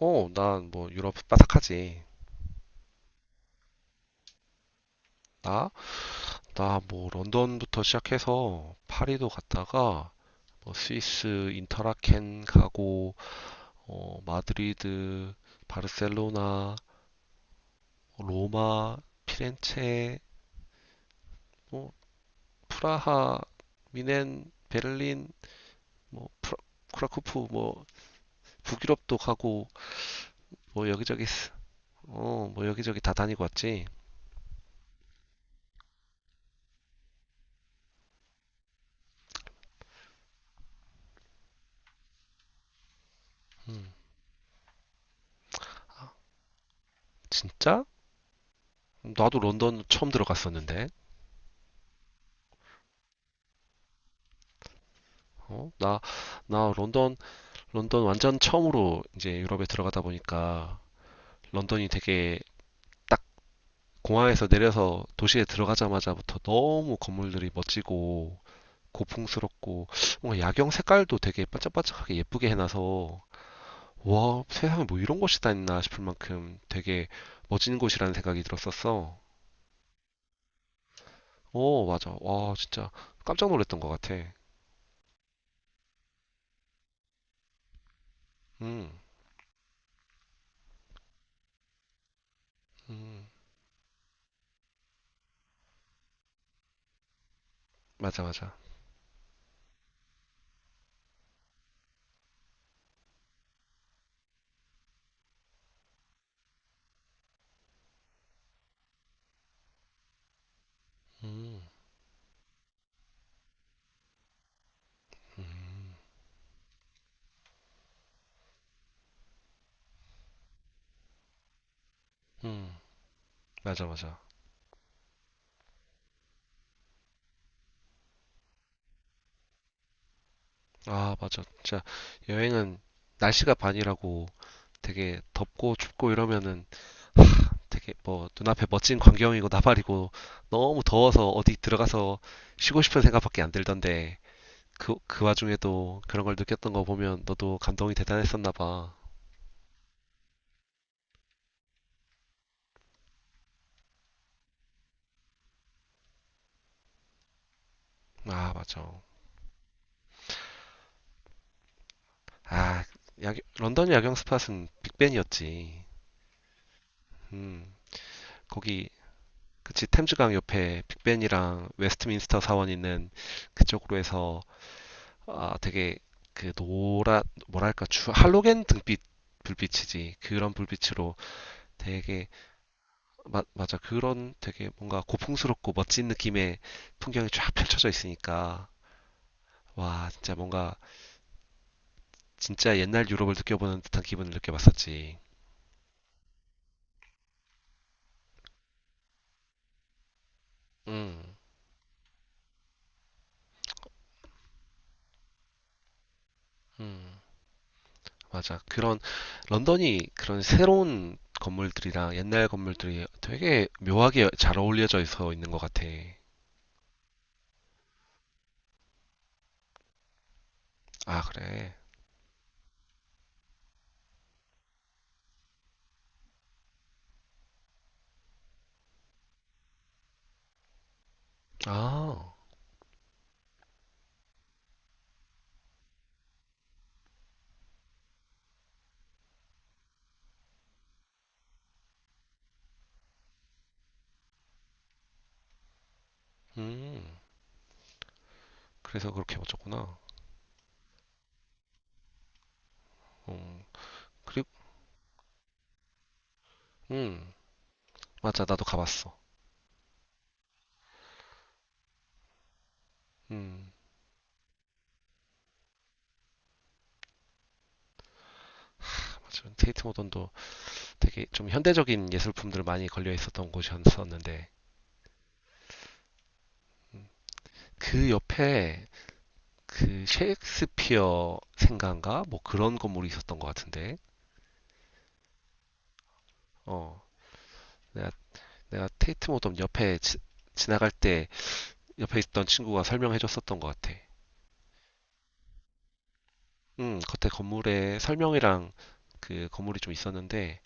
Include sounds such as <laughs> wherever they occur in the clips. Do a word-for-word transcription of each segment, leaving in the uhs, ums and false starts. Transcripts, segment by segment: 어, 난 뭐 유럽 빠삭하지. 나? 나 뭐 런던부터 시작해서 파리도 갔다가 뭐 스위스 인터라켄 가고 어, 마드리드, 바르셀로나, 로마, 피렌체, 뭐 프라하, 미넨, 베를린, 뭐 프라, 크라쿠프 뭐 북유럽도 가고 뭐 여기저기 어, 뭐 여기저기 다 다니고 왔지. 진짜? 나도 런던 처음 들어갔었는데. 어? 나, 나 런던 런던 완전 처음으로 이제 유럽에 들어가다 보니까 런던이 되게 딱, 공항에서 내려서 도시에 들어가자마자부터 너무 건물들이 멋지고 고풍스럽고 뭔가 야경 색깔도 되게 반짝반짝하게 예쁘게 해놔서 와, 세상에 뭐 이런 곳이 다 있나 싶을 만큼 되게 멋진 곳이라는 생각이 들었었어. 어, 맞아. 와, 진짜 깜짝 놀랐던 것 같아. 음, 음, 맞아, 맞아. 음, 맞아, 맞아. 아, 맞아. 진짜 여행은 날씨가 반이라고, 되게 덥고 춥고 이러면은 되게 뭐 눈앞에 멋진 광경이고 나발이고 너무 더워서 어디 들어가서 쉬고 싶은 생각밖에 안 들던데, 그, 그 와중에도 그런 걸 느꼈던 거 보면 너도 감동이 대단했었나 봐. 아, 맞아. 아, 야, 런던 야경 스팟은 빅벤이었지. 음, 거기 그치 템즈강 옆에 빅벤이랑 웨스트민스터 사원 있는 그쪽으로 해서, 아, 되게 그노랗 뭐랄까 주 할로겐 등빛 불빛이지, 그런 불빛으로 되게 마, 맞아, 그런 되게 뭔가 고풍스럽고 멋진 느낌의 풍경이 쫙 펼쳐져 있으니까 와, 진짜 뭔가 진짜 옛날 유럽을 느껴보는 듯한 기분을 느껴봤었지. 음, 음, 맞아, 그런 런던이, 그런 새로운 건물들이랑 옛날 건물들이 되게 묘하게 잘 어울려져 있어 있는 것 같아. 아 그래. 아, 음. 그래서 그렇게 맞췄구나. 음, 그리고, 음, 맞아. 나도 가봤어. 음, 맞아. 테이트 모던도 되게 좀 현대적인 예술품들 많이 걸려 있었던 곳이었었는데, 음, 그 옆에 그 셰익스피어 생가인가? 뭐 그런 건물이 있었던 것 같은데, 어, 내가, 내가 테이트 모던 옆에 지, 지나갈 때 옆에 있던 친구가 설명해 줬었던 것 같아. 음, 겉에 건물에 설명이랑 그 건물이 좀 있었는데,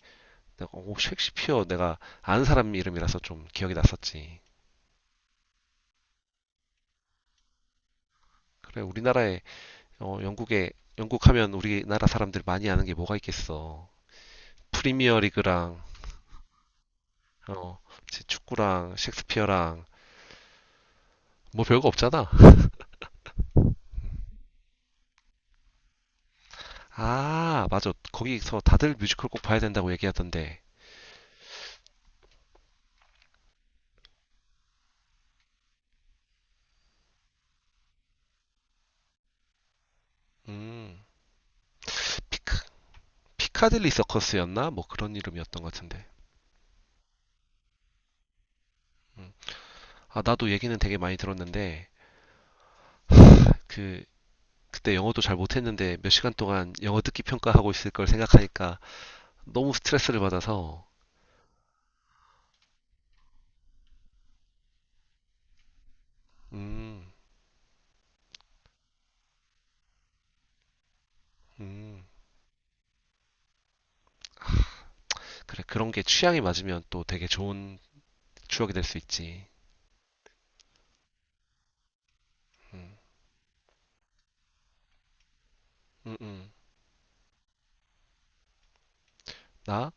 오, 셰익스피어, 내가 아는 사람 이름이라서 좀 기억이 났었지. 그래, 우리나라에 어, 영국에 영국하면 우리나라 사람들 많이 아는 게 뭐가 있겠어. 프리미어 리그랑 어 이제 축구랑 셰익스피어랑 뭐 별거 없잖아. 아 맞아, 거기서 다들 뮤지컬 꼭 봐야 된다고 얘기하던데. 음, 피크 피카딜리 서커스였나 뭐 그런 이름이었던 것 같은데. 아, 나도 얘기는 되게 많이 들었는데, 그 그때 영어도 잘 못했는데 몇 시간 동안 영어 듣기 평가하고 있을 걸 생각하니까 너무 스트레스를 받아서. 음, 음, 그런 게 취향이 맞으면 또 되게 좋은 추억이 될 수 있지. 음. 음, 음. 나?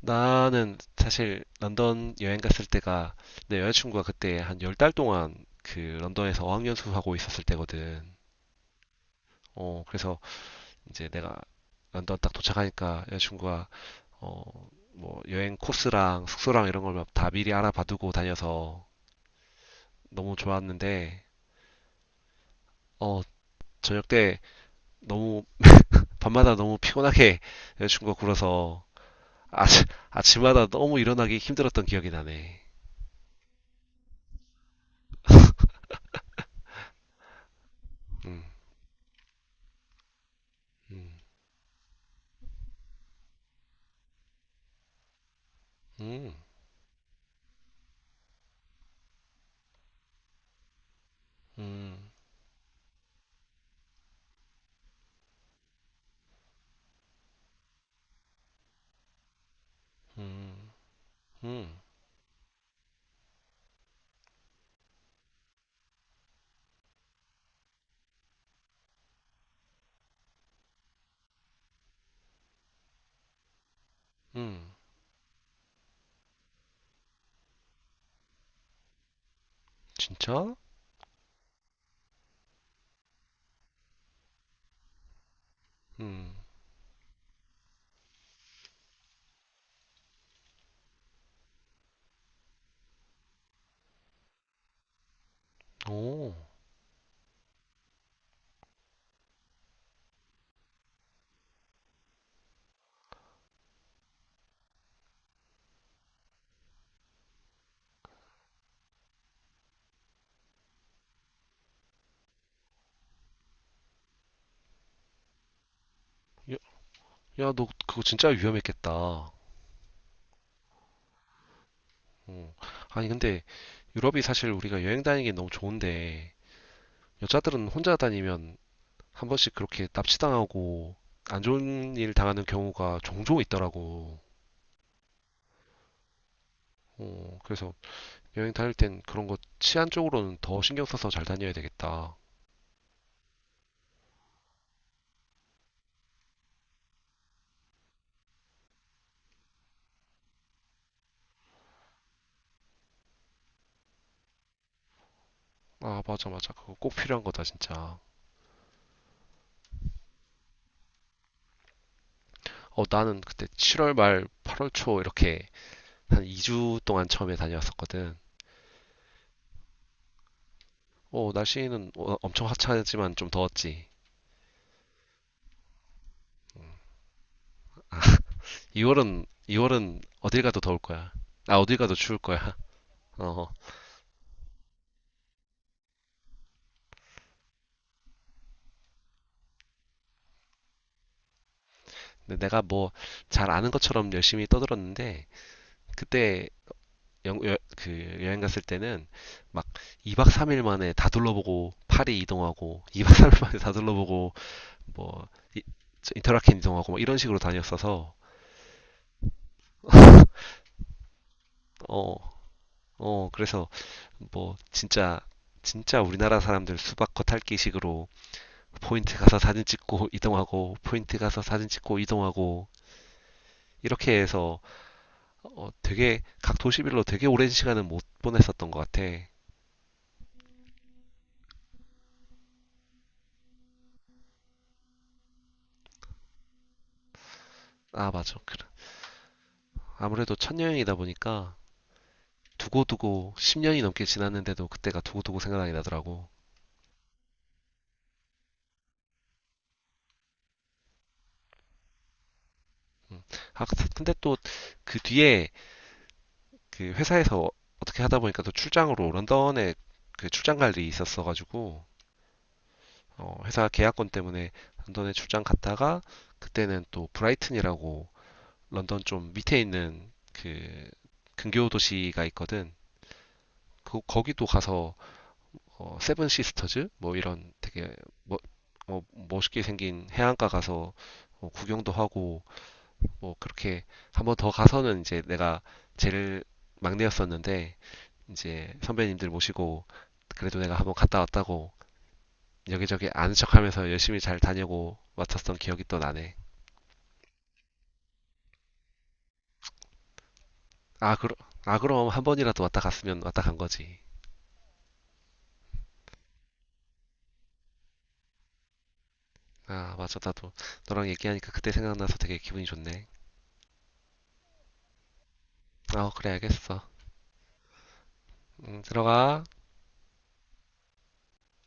나는 사실 런던 여행 갔을 때가 내 여자친구가 그때 한 열 달 동안 그 런던에서 어학연수 하고 있었을 때거든. 어, 그래서 이제 내가 런던 딱 도착하니까 여자친구가 어, 뭐 여행 코스랑 숙소랑 이런 걸 다 미리 알아봐두고 다녀서 너무 좋았는데, 어, 저녁 때 너무, 밤마다 너무 피곤하게 여자친구가 굴어서 아침, 아침마다 너무 일어나기 힘들었던 기억이 나네. 음, 음, 음, 음, 음, 음, 음. 진짜? 음, 오. 야, 야, 너 그거 진짜 위험했겠다. 어. 아니, 근데 유럽이 사실 우리가 여행 다니기 너무 좋은데 여자들은 혼자 다니면 한 번씩 그렇게 납치당하고 안 좋은 일 당하는 경우가 종종 있더라고. 어, 그래서 여행 다닐 땐 그런 거 치안 쪽으로는 더 신경 써서 잘 다녀야 되겠다. 아, 맞아, 맞아. 그거 꼭 필요한 거다, 진짜. 어, 나는 그때 칠월 말, 팔월 초 이렇게 한 이 주 동안 처음에 다녀왔었거든. 어, 날씨는 어, 엄청 화창하지만 좀 더웠지. 이월은 이월은 어딜 가도 더울 거야. 아, 어딜 가도 추울 거야. <laughs> 어. 근데 내가 뭐 잘 아는 것처럼 열심히 떠들었는데, 그때 영, 여, 그 여행 갔을 때는 막 이 박 삼 일 만에 다 둘러보고 파리 이동하고 <laughs> 이 박 삼 일 만에 다 둘러보고 뭐 인터라켄 이동하고 막 이런 식으로 다녔어서. <laughs> 어, 어, 그래서 뭐 진짜 진짜 우리나라 사람들 수박겉 핥기식으로 포인트 가서 사진 찍고 <laughs> 이동하고, 포인트 가서 사진 찍고 이동하고, 이렇게 해서 어, 되게 각 도시별로 되게 오랜 시간은 못 보냈었던 것 같아. 아, 맞아. 그래. 아무래도 첫 여행이다 보니까 두고두고 십 년이 넘게 지났는데도 그때가 두고두고 생각이 나더라고. 음. 아, 그, 근데 또 그 뒤에 그 회사에서 어떻게 하다 보니까 또 출장으로 런던에 그 출장 갈 일이 있었어가지고. 어, 회사 계약권 때문에 런던에 출장 갔다가 그때는 또 브라이튼이라고 런던 좀 밑에 있는 그 근교 도시가 있거든. 그 거기도 가서 어, 세븐 시스터즈 뭐 이런 되게 멋- 어, 멋있게 생긴 해안가 가서 어, 구경도 하고 뭐 그렇게 한번 더 가서는, 이제 내가 제일 막내였었는데 이제 선배님들 모시고, 그래도 내가 한번 갔다 왔다고 여기저기 아는 척하면서 열심히 잘 다녀고 왔었던 기억이 또 나네. 아, 그러, 아 그럼 한 번이라도 왔다 갔으면 왔다 간 거지. 아 맞아, 나도 너랑 얘기하니까 그때 생각나서 되게 기분이 좋네. 아 그래 알겠어. 음, 들어가.